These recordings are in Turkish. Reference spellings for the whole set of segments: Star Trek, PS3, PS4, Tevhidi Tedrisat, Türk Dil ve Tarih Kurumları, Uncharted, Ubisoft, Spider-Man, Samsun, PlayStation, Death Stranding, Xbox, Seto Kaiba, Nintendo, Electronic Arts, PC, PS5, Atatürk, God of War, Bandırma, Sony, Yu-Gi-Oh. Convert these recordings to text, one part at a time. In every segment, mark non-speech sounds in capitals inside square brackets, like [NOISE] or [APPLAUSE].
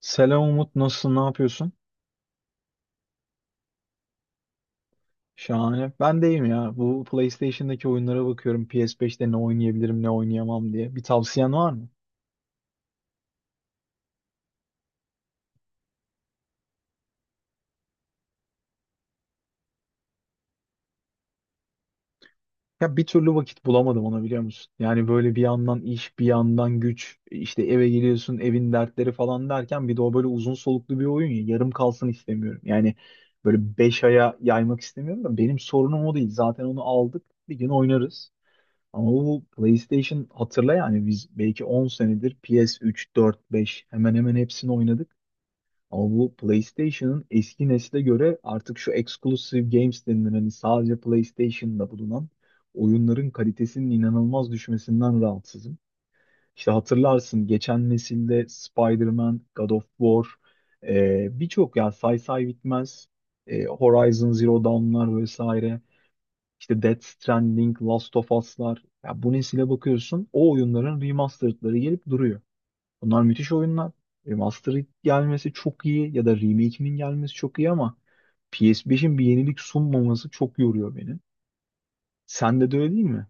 Selam Umut, nasılsın, ne yapıyorsun? Şahane. Ben deyim ya. Bu PlayStation'daki oyunlara bakıyorum. PS5'te ne oynayabilirim, ne oynayamam diye. Bir tavsiyen var mı? Ya bir türlü vakit bulamadım ona biliyor musun? Yani böyle bir yandan iş, bir yandan güç, işte eve geliyorsun, evin dertleri falan derken bir de o böyle uzun soluklu bir oyun ya. Yarım kalsın istemiyorum. Yani böyle 5 aya yaymak istemiyorum da benim sorunum o değil. Zaten onu aldık. Bir gün oynarız. Ama bu PlayStation hatırla yani biz belki 10 senedir PS3, 4, 5 hemen hemen hepsini oynadık. Ama bu PlayStation'ın eski nesle göre artık şu exclusive games denilen hani sadece PlayStation'da bulunan oyunların kalitesinin inanılmaz düşmesinden rahatsızım. İşte hatırlarsın geçen nesilde Spider-Man, God of War, birçok ya say say bitmez Horizon Zero Dawn'lar vesaire. İşte Death Stranding, Last of Us'lar. Ya bu nesile bakıyorsun o oyunların remastered'ları gelip duruyor. Bunlar müthiş oyunlar. Remastered gelmesi çok iyi ya da remake'inin gelmesi çok iyi ama PS5'in bir yenilik sunmaması çok yoruyor beni. Sende de öyle değil mi?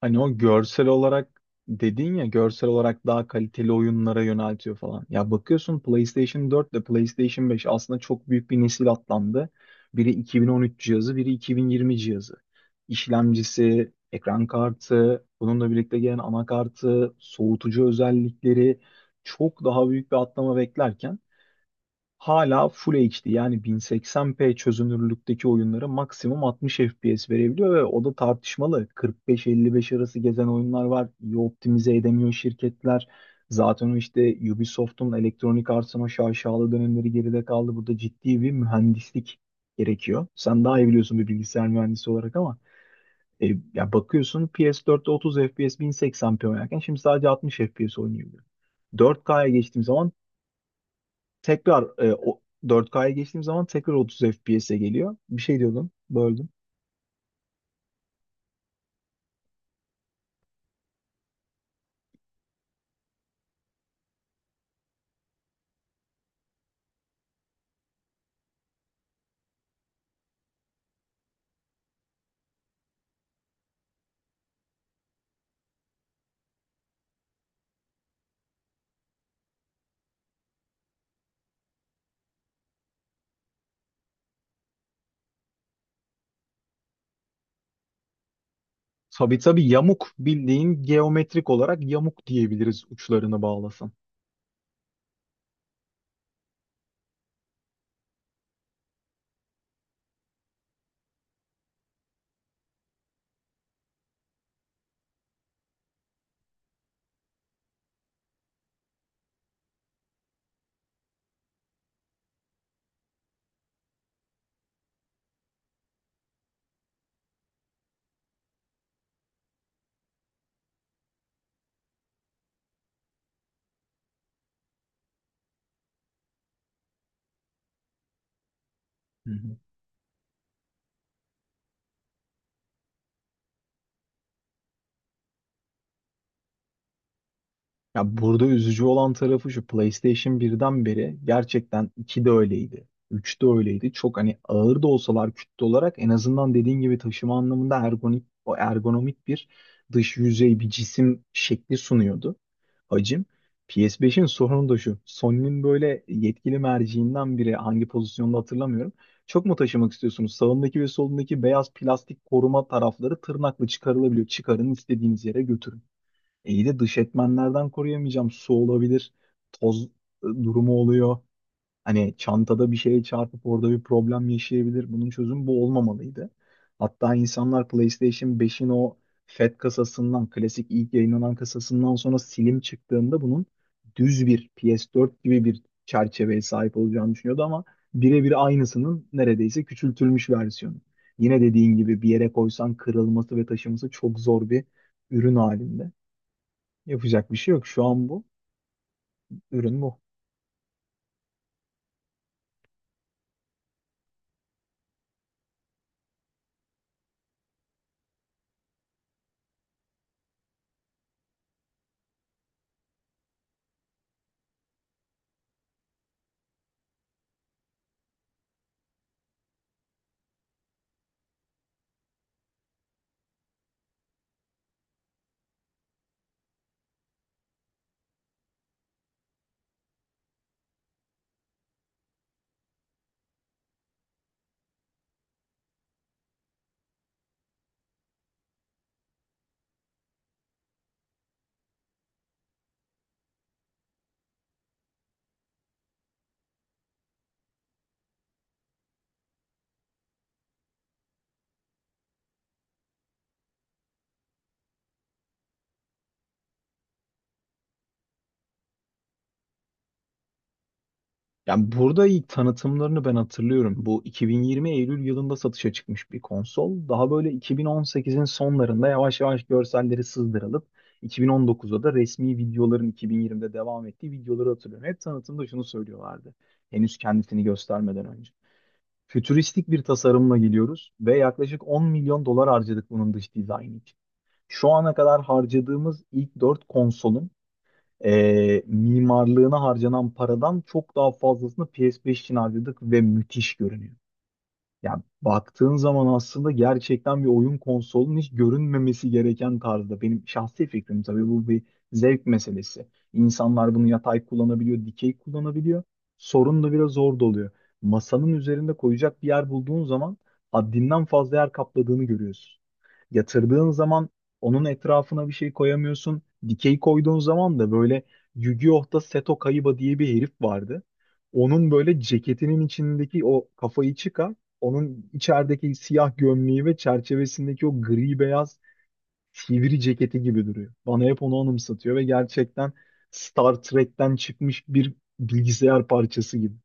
Hani o görsel olarak dedin ya görsel olarak daha kaliteli oyunlara yöneltiyor falan. Ya bakıyorsun PlayStation 4 ile PlayStation 5 aslında çok büyük bir nesil atlandı. Biri 2013 cihazı, biri 2020 cihazı. İşlemcisi, ekran kartı, bununla birlikte gelen anakartı, soğutucu özellikleri çok daha büyük bir atlama beklerken hala Full HD yani 1080p çözünürlükteki oyunlara maksimum 60 FPS verebiliyor ve o da tartışmalı. 45-55 arası gezen oyunlar var. İyi optimize edemiyor şirketler. Zaten o işte Ubisoft'un Electronic Arts'ın o şaşalı dönemleri geride kaldı. Burada ciddi bir mühendislik gerekiyor. Sen daha iyi biliyorsun bir bilgisayar mühendisi olarak ama e, ya bakıyorsun PS4'te 30 FPS 1080p oynarken şimdi sadece 60 FPS oynuyor. 4K'ya geçtiğim zaman Tekrar e, o 4K'ya geçtiğim zaman tekrar 30 FPS'e geliyor. Bir şey diyordun, böldüm. Tabii tabii yamuk bildiğin geometrik olarak yamuk diyebiliriz uçlarını bağlasan. Hı hı. Ya burada üzücü olan tarafı şu PlayStation birden beri gerçekten 2 de öyleydi. Üç de öyleydi. Çok hani ağır da olsalar kütle olarak en azından dediğin gibi taşıma anlamında ergonomik bir dış yüzey bir cisim şekli sunuyordu. Hacim. PS5'in sorunu da şu. Sony'nin böyle yetkili merciinden biri hangi pozisyonda hatırlamıyorum. Çok mu taşımak istiyorsunuz? Sağındaki ve solundaki beyaz plastik koruma tarafları tırnakla çıkarılabiliyor. Çıkarın istediğiniz yere götürün. İyi de dış etmenlerden koruyamayacağım. Su olabilir, toz durumu oluyor. Hani çantada bir şeye çarpıp orada bir problem yaşayabilir. Bunun çözümü bu olmamalıydı. Hatta insanlar PlayStation 5'in o FAT kasasından, klasik ilk yayınlanan kasasından sonra Slim çıktığında bunun düz bir PS4 gibi bir çerçeveye sahip olacağını düşünüyordu ama birebir aynısının neredeyse küçültülmüş versiyonu. Yine dediğin gibi bir yere koysan kırılması ve taşıması çok zor bir ürün halinde. Yapacak bir şey yok. Şu an bu ürün bu. Yani burada ilk tanıtımlarını ben hatırlıyorum. Bu 2020 Eylül yılında satışa çıkmış bir konsol. Daha böyle 2018'in sonlarında yavaş yavaş görselleri sızdırılıp 2019'da da resmi videoların 2020'de devam ettiği videoları hatırlıyorum. Hep tanıtımda şunu söylüyorlardı. Henüz kendisini göstermeden önce. Fütüristik bir tasarımla geliyoruz ve yaklaşık 10 milyon dolar harcadık bunun dış dizaynı için. Şu ana kadar harcadığımız ilk 4 konsolun mimarlığına harcanan paradan çok daha fazlasını PS5 için harcadık ve müthiş görünüyor. Yani baktığın zaman aslında gerçekten bir oyun konsolunun hiç görünmemesi gereken tarzda. Benim şahsi fikrim tabii bu bir zevk meselesi. İnsanlar bunu yatay kullanabiliyor, dikey kullanabiliyor. Sorun da biraz orada oluyor. Masanın üzerinde koyacak bir yer bulduğun zaman haddinden fazla yer kapladığını görüyorsun. Yatırdığın zaman onun etrafına bir şey koyamıyorsun. Dikey koyduğun zaman da böyle Yu-Gi-Oh'ta Seto Kaiba diye bir herif vardı. Onun böyle ceketinin içindeki o kafayı çıkar. Onun içerideki siyah gömleği ve çerçevesindeki o gri beyaz sivri ceketi gibi duruyor. Bana hep onu anımsatıyor ve gerçekten Star Trek'ten çıkmış bir bilgisayar parçası gibi.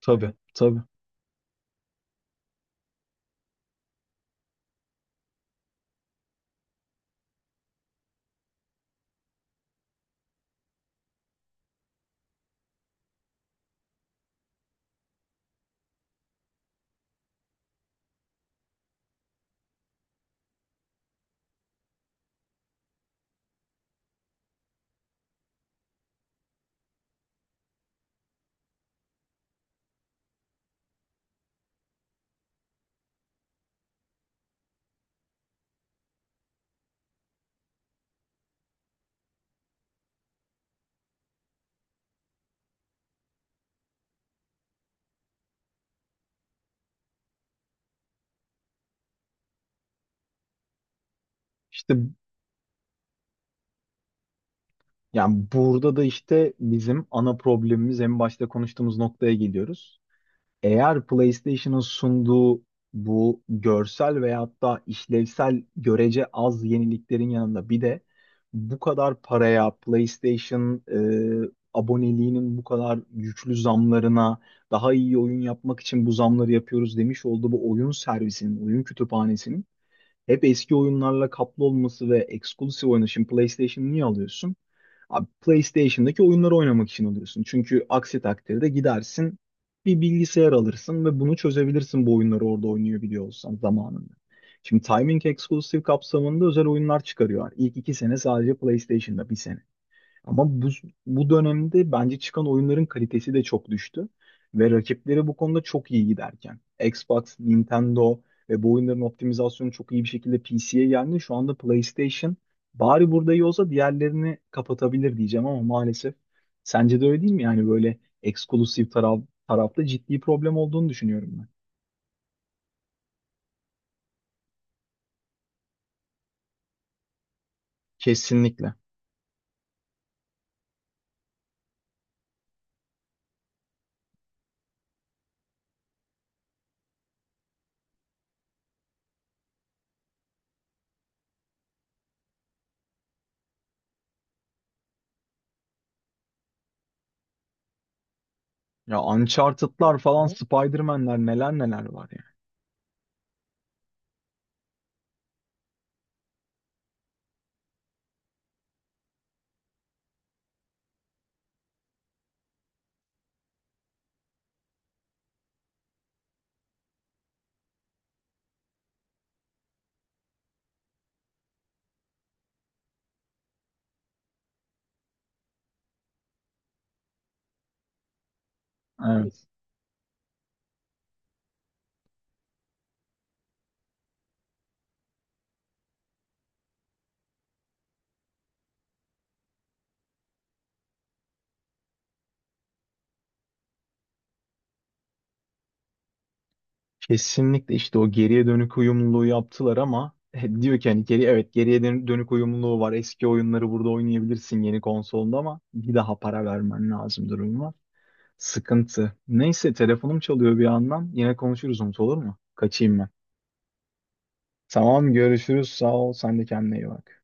Tabii, tabii. İşte yani burada da işte bizim ana problemimiz en başta konuştuğumuz noktaya geliyoruz. Eğer PlayStation'ın sunduğu bu görsel veyahut da işlevsel görece az yeniliklerin yanında bir de bu kadar paraya PlayStation e, aboneliğinin bu kadar güçlü zamlarına daha iyi oyun yapmak için bu zamları yapıyoruz demiş olduğu bu oyun servisinin, oyun kütüphanesinin hep eski oyunlarla kaplı olması ve eksklusif oyunu. Şimdi PlayStation niye alıyorsun? Abi PlayStation'daki oyunları oynamak için alıyorsun. Çünkü aksi takdirde gidersin bir bilgisayar alırsın ve bunu çözebilirsin bu oyunları orada oynuyor biliyor olsan zamanında. Şimdi Timing Exclusive kapsamında özel oyunlar çıkarıyor. İlk 2 sene sadece PlayStation'da bir sene. Ama bu dönemde bence çıkan oyunların kalitesi de çok düştü. Ve rakipleri bu konuda çok iyi giderken. Xbox, Nintendo ve bu oyunların optimizasyonu çok iyi bir şekilde PC'ye geldi. Şu anda PlayStation bari burada iyi olsa diğerlerini kapatabilir diyeceğim ama maalesef. Sence de öyle değil mi? Yani böyle eksklusif tarafta ciddi problem olduğunu düşünüyorum ben. Kesinlikle. Ya Uncharted'lar falan, hı? Spider-Man'ler neler neler var yani. Evet. Kesinlikle işte o geriye dönük uyumluluğu yaptılar ama [LAUGHS] diyor ki hani evet geriye dönük uyumluluğu var. Eski oyunları burada oynayabilirsin yeni konsolda ama bir daha para vermen lazım durum var. Sıkıntı. Neyse telefonum çalıyor bir yandan. Yine konuşuruz Umut olur mu? Kaçayım ben. Tamam görüşürüz. Sağ ol. Sen de kendine iyi bak.